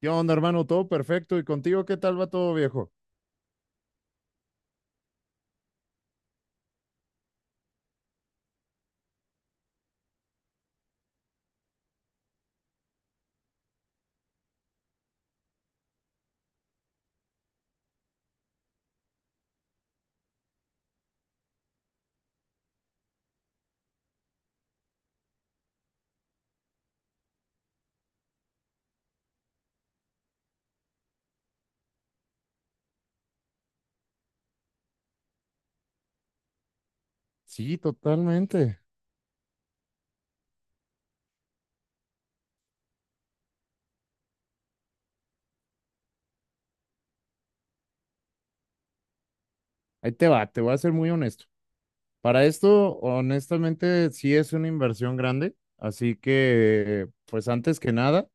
¿Qué onda, hermano? Todo perfecto. ¿Y contigo qué tal va todo, viejo? Sí, totalmente. Ahí te va, te voy a ser muy honesto. Para esto, honestamente, sí es una inversión grande. Así que, pues antes que nada,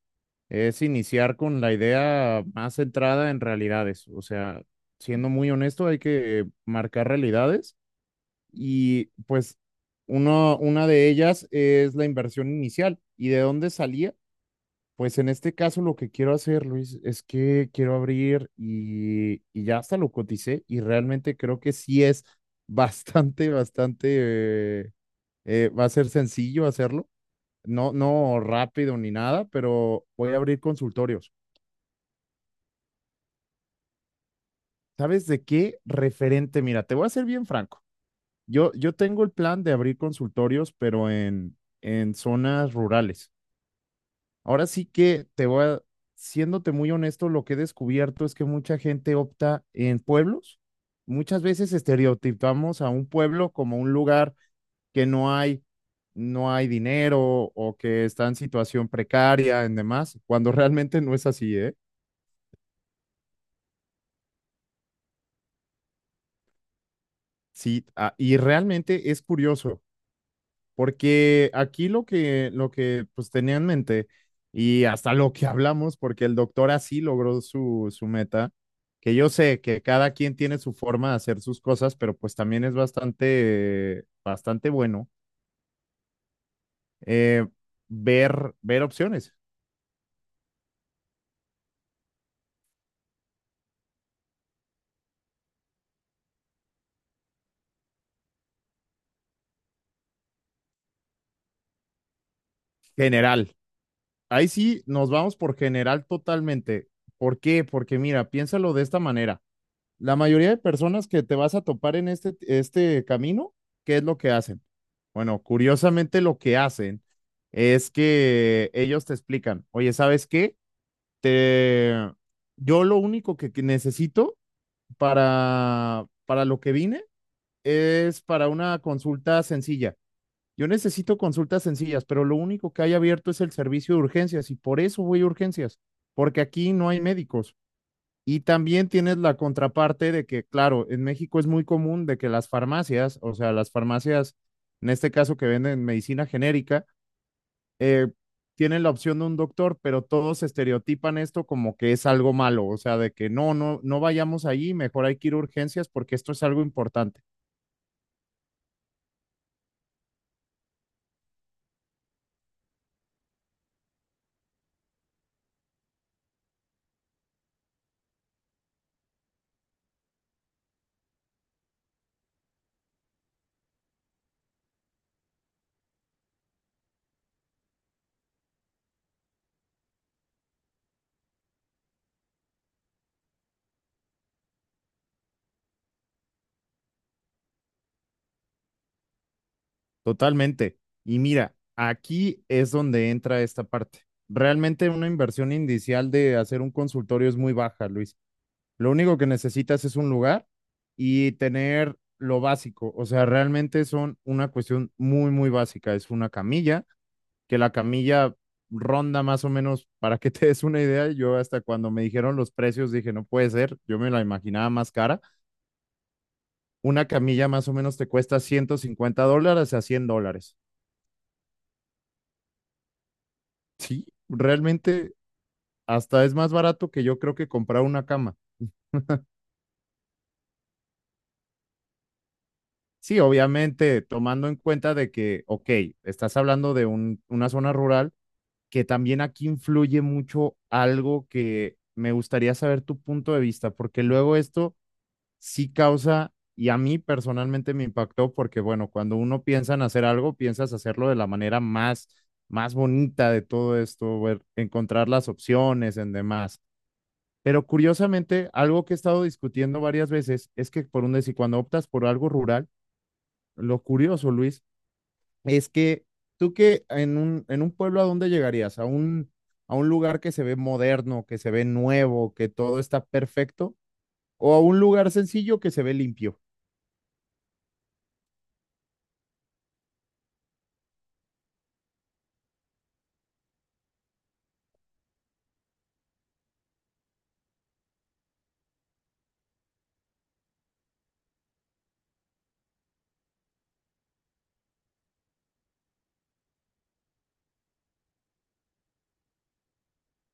es iniciar con la idea más centrada en realidades. O sea, siendo muy honesto, hay que marcar realidades y pues uno, una de ellas es la inversión inicial. ¿Y de dónde salía? Pues en este caso lo que quiero hacer, Luis, es que quiero abrir y ya hasta lo coticé y realmente creo que sí es bastante, bastante, eh, va a ser sencillo hacerlo, no, no rápido ni nada, pero voy a abrir consultorios. ¿Sabes de qué referente? Mira, te voy a ser bien franco. Yo tengo el plan de abrir consultorios, pero en zonas rurales. Ahora sí que te voy a, siéndote muy honesto, lo que he descubierto es que mucha gente opta en pueblos. Muchas veces estereotipamos a un pueblo como un lugar que no hay, no hay dinero o que está en situación precaria en demás, cuando realmente no es así, ¿eh? Sí, ah, y realmente es curioso. Porque aquí lo que pues tenía en mente y hasta lo que hablamos, porque el doctor así logró su, su meta, que yo sé que cada quien tiene su forma de hacer sus cosas, pero pues también es bastante, bastante bueno eh, ver, ver opciones. General. Ahí sí nos vamos por general totalmente. ¿Por qué? Porque mira, piénsalo de esta manera. La mayoría de personas que te vas a topar en este camino, ¿qué es lo que hacen? Bueno, curiosamente lo que hacen es que ellos te explican, oye, ¿sabes qué? Te... Yo lo único que necesito para lo que vine es para una consulta sencilla. Yo necesito consultas sencillas, pero lo único que hay abierto es el servicio de urgencias y por eso voy a urgencias, porque aquí no hay médicos. Y también tienes la contraparte de que, claro, en México es muy común de que las farmacias, o sea, las farmacias, en este caso que venden medicina genérica, eh, tienen la opción de un doctor, pero todos estereotipan esto como que es algo malo, o sea, de que no, no, no vayamos allí, mejor hay que ir a urgencias porque esto es algo importante, totalmente. Y mira, aquí es donde entra esta parte. Realmente una inversión inicial de hacer un consultorio es muy baja, Luis. Lo único que necesitas es un lugar y tener lo básico. O sea, realmente son una cuestión muy, muy básica. Es una camilla, que la camilla ronda más o menos, para que te des una idea, yo hasta cuando me dijeron los precios dije, no puede ser, yo me la imaginaba más cara. Una camilla más o menos te cuesta $150 a $100. Sí, realmente hasta es más barato que yo creo que comprar una cama. Sí, obviamente tomando en cuenta de que, ok, estás hablando de un, una zona rural que también aquí influye mucho algo que me gustaría saber tu punto de vista, porque luego esto sí causa, y a mí personalmente me impactó, porque bueno, cuando uno piensa en hacer algo, piensas hacerlo de la manera más, más bonita de todo esto, ver- encontrar las opciones en demás. Pero curiosamente, algo que he estado discutiendo varias veces es que por un decir, cuando optas por algo rural, lo curioso, Luis, es que tú que en en un pueblo a dónde llegarías, a un lugar que se ve moderno, que se ve nuevo, que todo está perfecto, o a un lugar sencillo que se ve limpio.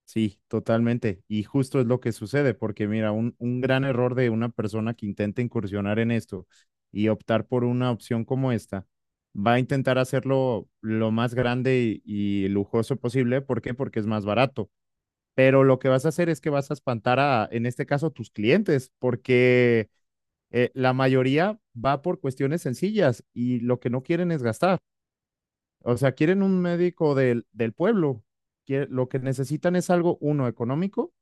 Sí, totalmente. Y justo es lo que sucede, porque mira, un gran error de una persona que intenta incursionar en esto y optar por una opción como esta, va a intentar hacerlo lo más grande y lujoso posible. ¿Por qué? Porque es más barato pero lo que vas a hacer es que vas a espantar a, en este caso, a tus clientes, porque la mayoría va por cuestiones sencillas y lo que no quieren es gastar. O sea, quieren un médico del, del pueblo. Lo que necesitan es algo, uno, económico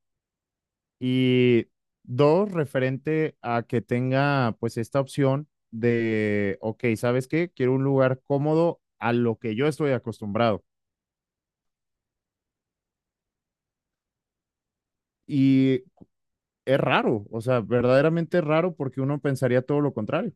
y dos, referente a que tenga pues esta opción de, ok, ¿sabes qué? Quiero un lugar cómodo a lo que yo estoy acostumbrado. Y es raro, o sea, verdaderamente es raro porque uno pensaría todo lo contrario.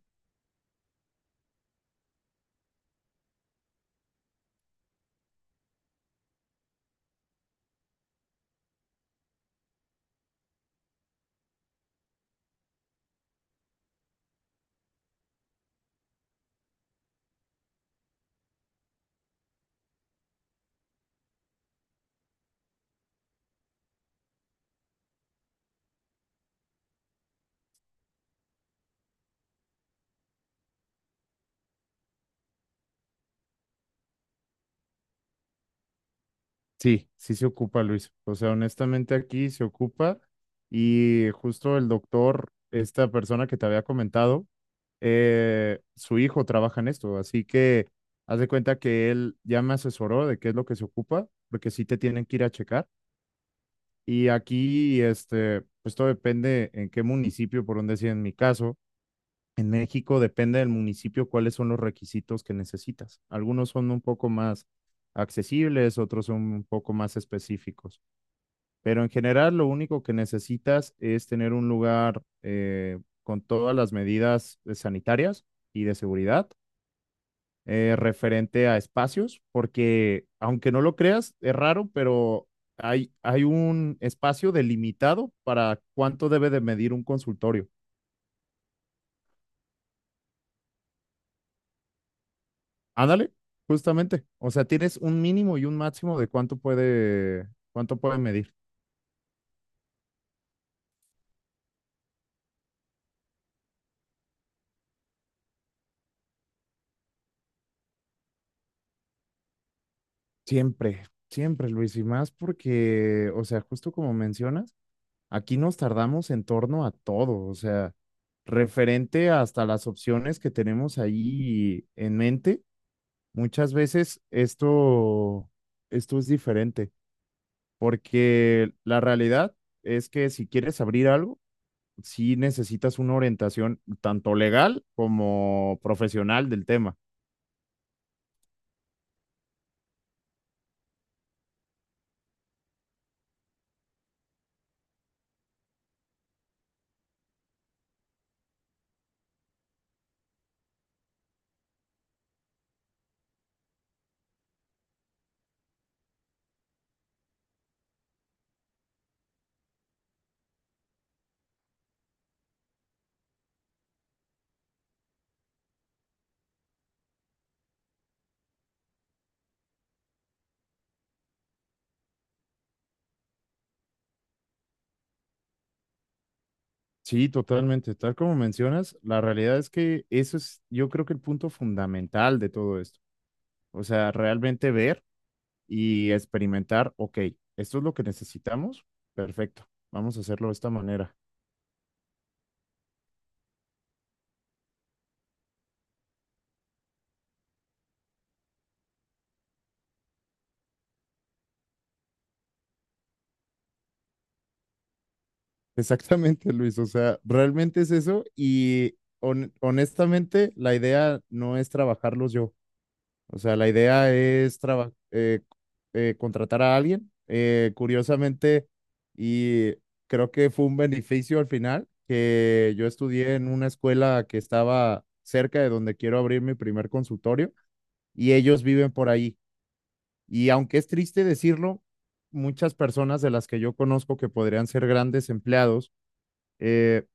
Sí, sí se ocupa, Luis. O sea, honestamente aquí se ocupa y justo el doctor, esta persona que te había comentado, su hijo trabaja en esto, así que haz de cuenta que él ya me asesoró de qué es lo que se ocupa, porque sí te tienen que ir a checar. Y aquí, este, pues todo depende en qué municipio, por donde sea en mi caso. En México depende del municipio cuáles son los requisitos que necesitas. Algunos son un poco más accesibles, otros son un poco más específicos. Pero en general lo único que necesitas es tener un lugar con todas las medidas sanitarias y de seguridad referente a espacios, porque aunque no lo creas, es raro, pero hay un espacio delimitado para cuánto debe de medir un consultorio. Ándale, justamente. O sea, tienes un mínimo y un máximo de cuánto puede medir. Siempre, siempre, Luis, y más porque, o sea, justo como mencionas. Aquí nos tardamos en torno a todo, o sea, referente hasta las opciones que tenemos ahí en mente, muchas veces esto, esto es diferente, porque la realidad es que si quieres abrir algo, sí necesitas una orientación tanto legal como profesional del tema. Sí, totalmente. Tal como mencionas, la realidad es que eso es, yo creo que el punto fundamental de todo esto. O sea, realmente ver y experimentar, ok, esto es lo que necesitamos, perfecto, vamos a hacerlo de esta manera. Exactamente, Luis, o sea, realmente es eso y honestamente la idea no es trabajarlos yo, o sea, la idea es contratar a alguien, curiosamente, y creo que fue un beneficio al final, que yo estudié en una escuela que estaba cerca de donde quiero abrir mi primer consultorio y ellos viven por ahí. Y aunque es triste decirlo, muchas personas de las que yo conozco que podrían ser grandes empleados, eh,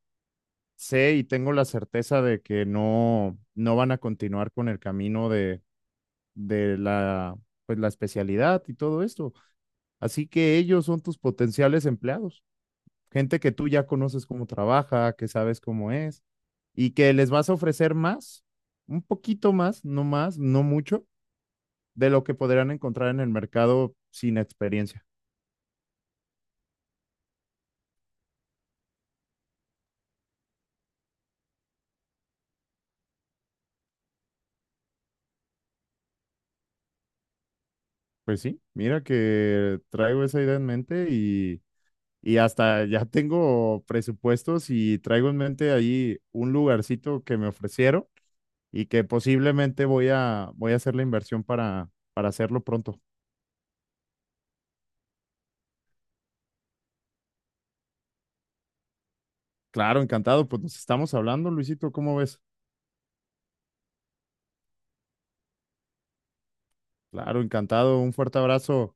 sé y tengo la certeza de que no, no van a continuar con el camino de la, pues, la especialidad y todo esto. Así que ellos son tus potenciales empleados, gente que tú ya conoces cómo trabaja, que sabes cómo es y que les vas a ofrecer más, un poquito más, no mucho, de lo que podrán encontrar en el mercado sin experiencia. Pues sí, mira que traigo esa idea en mente y hasta ya tengo presupuestos y traigo en mente ahí un lugarcito que me ofrecieron y que posiblemente voy a, voy a hacer la inversión para hacerlo pronto. Claro, encantado, pues nos estamos hablando, Luisito, ¿cómo ves? Claro, encantado, un fuerte abrazo.